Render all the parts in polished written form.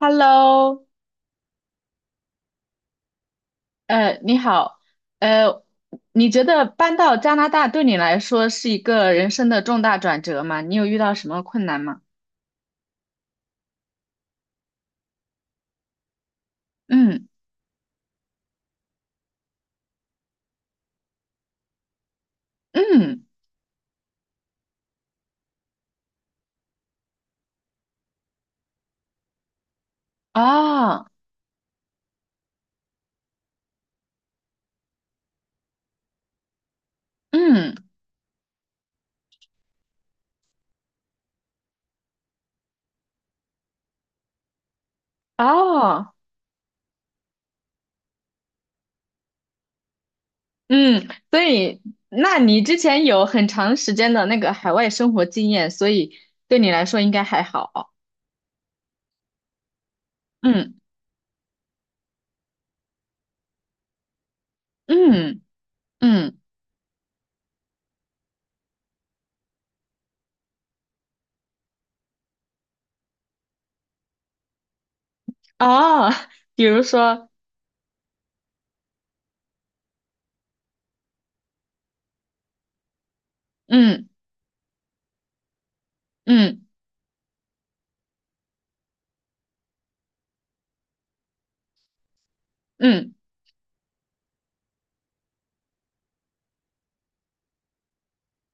Hello，你好，呃，你觉得搬到加拿大对你来说是一个人生的重大转折吗？你有遇到什么困难吗？嗯嗯，哦，嗯哦，嗯，所以，那你之前有很长时间的那个海外生活经验，所以对你来说应该还好。嗯嗯嗯，哦，比如说，嗯嗯嗯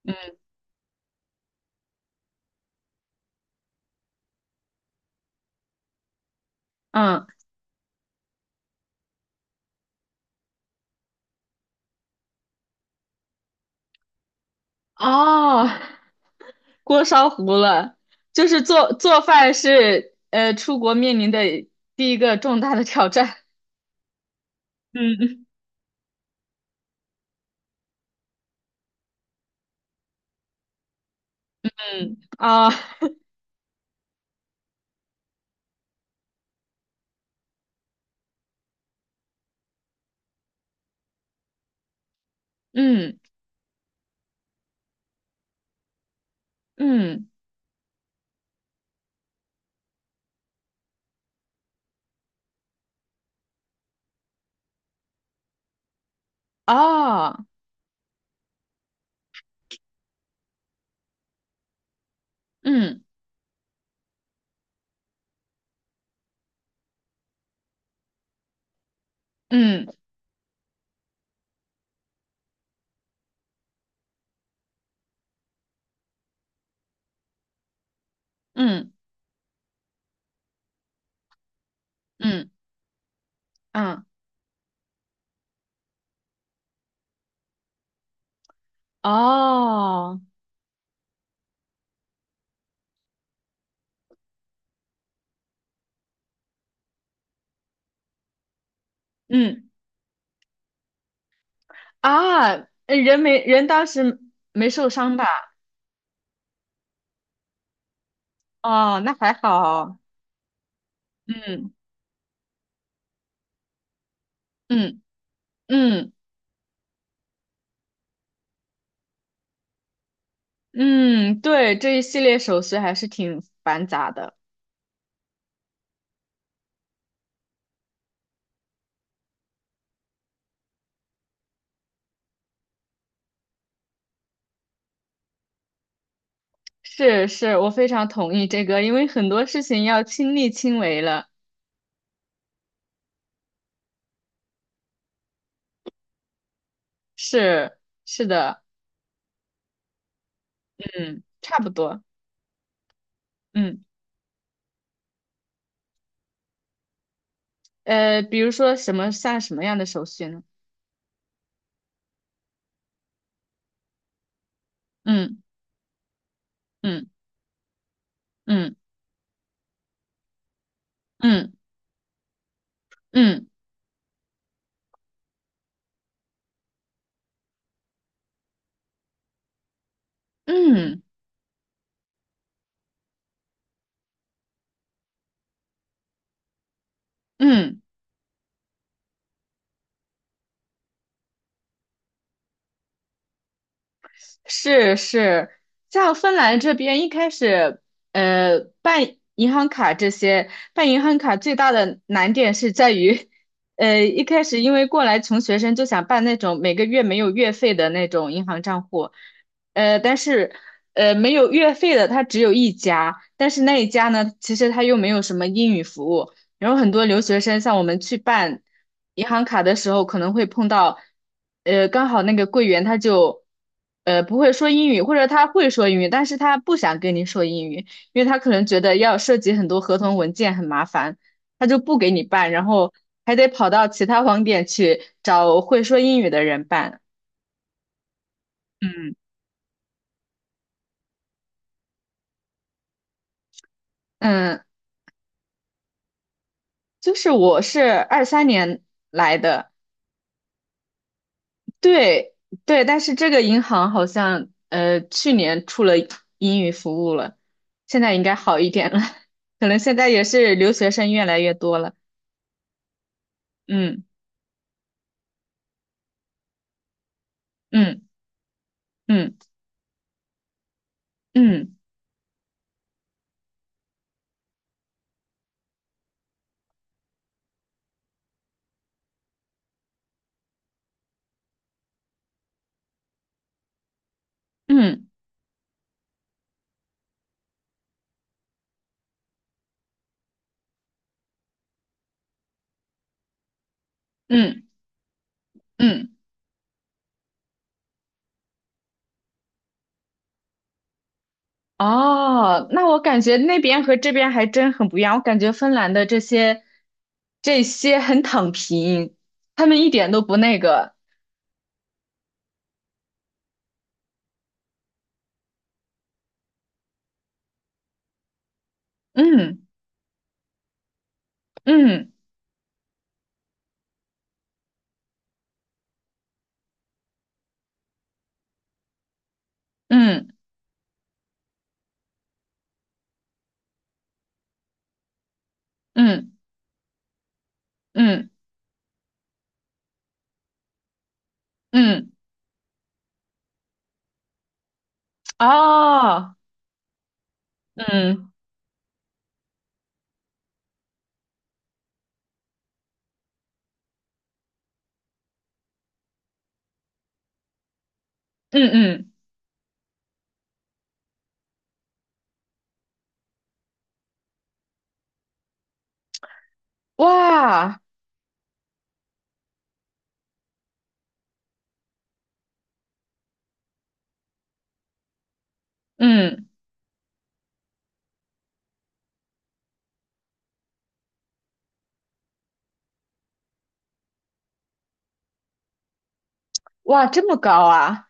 嗯嗯，哦。锅烧糊了，就是做做饭是出国面临的第一个重大的挑战。嗯嗯嗯啊，嗯嗯啊，嗯嗯嗯嗯嗯哦，嗯啊，人当时没受伤吧？哦，那还好。嗯嗯嗯嗯，对，这一系列手续还是挺繁杂的。是是，我非常同意这个，因为很多事情要亲力亲为了。是是的，嗯，差不多，嗯，比如说什么样的手续呢？嗯嗯嗯嗯嗯嗯嗯嗯。是是，像芬兰这边一开始，办银行卡这些，办银行卡最大的难点是在于，一开始因为过来穷学生就想办那种每个月没有月费的那种银行账户，但是没有月费的它只有一家，但是那一家呢，其实它又没有什么英语服务，然后很多留学生，像我们去办银行卡的时候，可能会碰到，刚好那个柜员他就，不会说英语，或者他会说英语，但是他不想跟你说英语，因为他可能觉得要涉及很多合同文件很麻烦，他就不给你办，然后还得跑到其他网点去找会说英语的人办。嗯嗯，就是我是23年来的。对对，但是这个银行好像去年出了英语服务了，现在应该好一点了，可能现在也是留学生越来越多了。嗯嗯嗯嗯嗯嗯嗯。哦，那我感觉那边和这边还真很不一样。我感觉芬兰的这些很躺平，他们一点都不那个。嗯嗯嗯嗯嗯嗯。哦，嗯。嗯嗯，哇，嗯哇，这么高啊！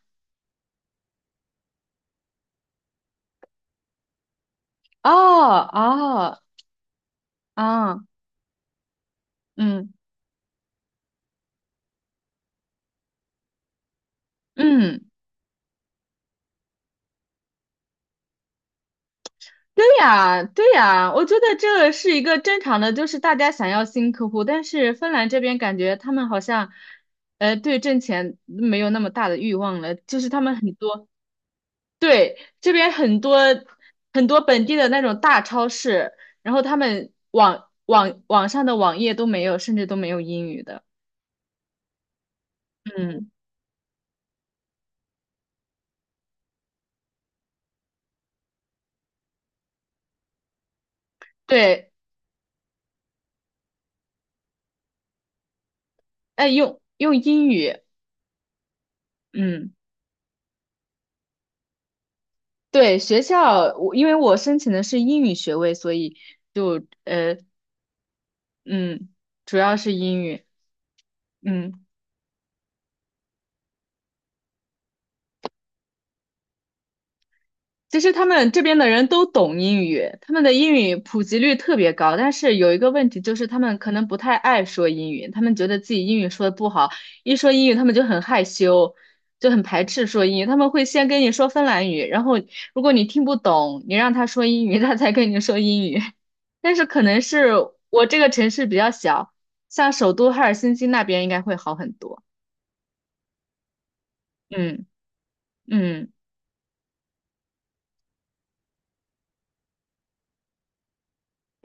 哦哦啊，嗯嗯，对呀对呀，我觉得这是一个正常的，就是大家想要新客户，但是芬兰这边感觉他们好像，对挣钱没有那么大的欲望了，就是他们很多，对，这边很多很多本地的那种大超市，然后他们网上的网页都没有，甚至都没有英语的。嗯，对，哎，用英语，嗯，对，学校我因为我申请的是英语学位，所以就嗯，主要是英语，嗯。其实他们这边的人都懂英语，他们的英语普及率特别高，但是有一个问题就是他们可能不太爱说英语，他们觉得自己英语说的不好，一说英语他们就很害羞，就很排斥说英语，他们会先跟你说芬兰语，然后如果你听不懂，你让他说英语，他才跟你说英语。但是可能是我这个城市比较小，像首都赫尔辛基那边应该会好很多。嗯嗯，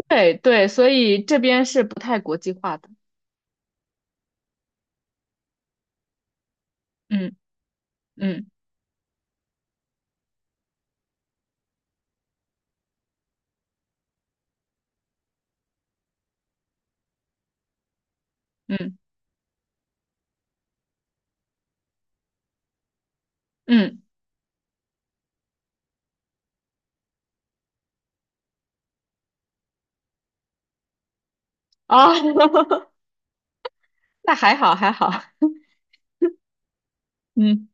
对对，所以这边是不太国际化的。嗯嗯。嗯嗯，哦，那还好还好，嗯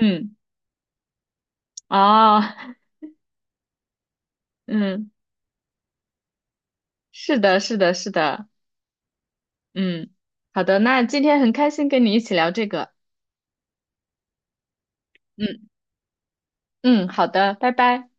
嗯，哦，嗯，是的，是的，是的，嗯，好的，那今天很开心跟你一起聊这个，嗯嗯，好的，拜拜。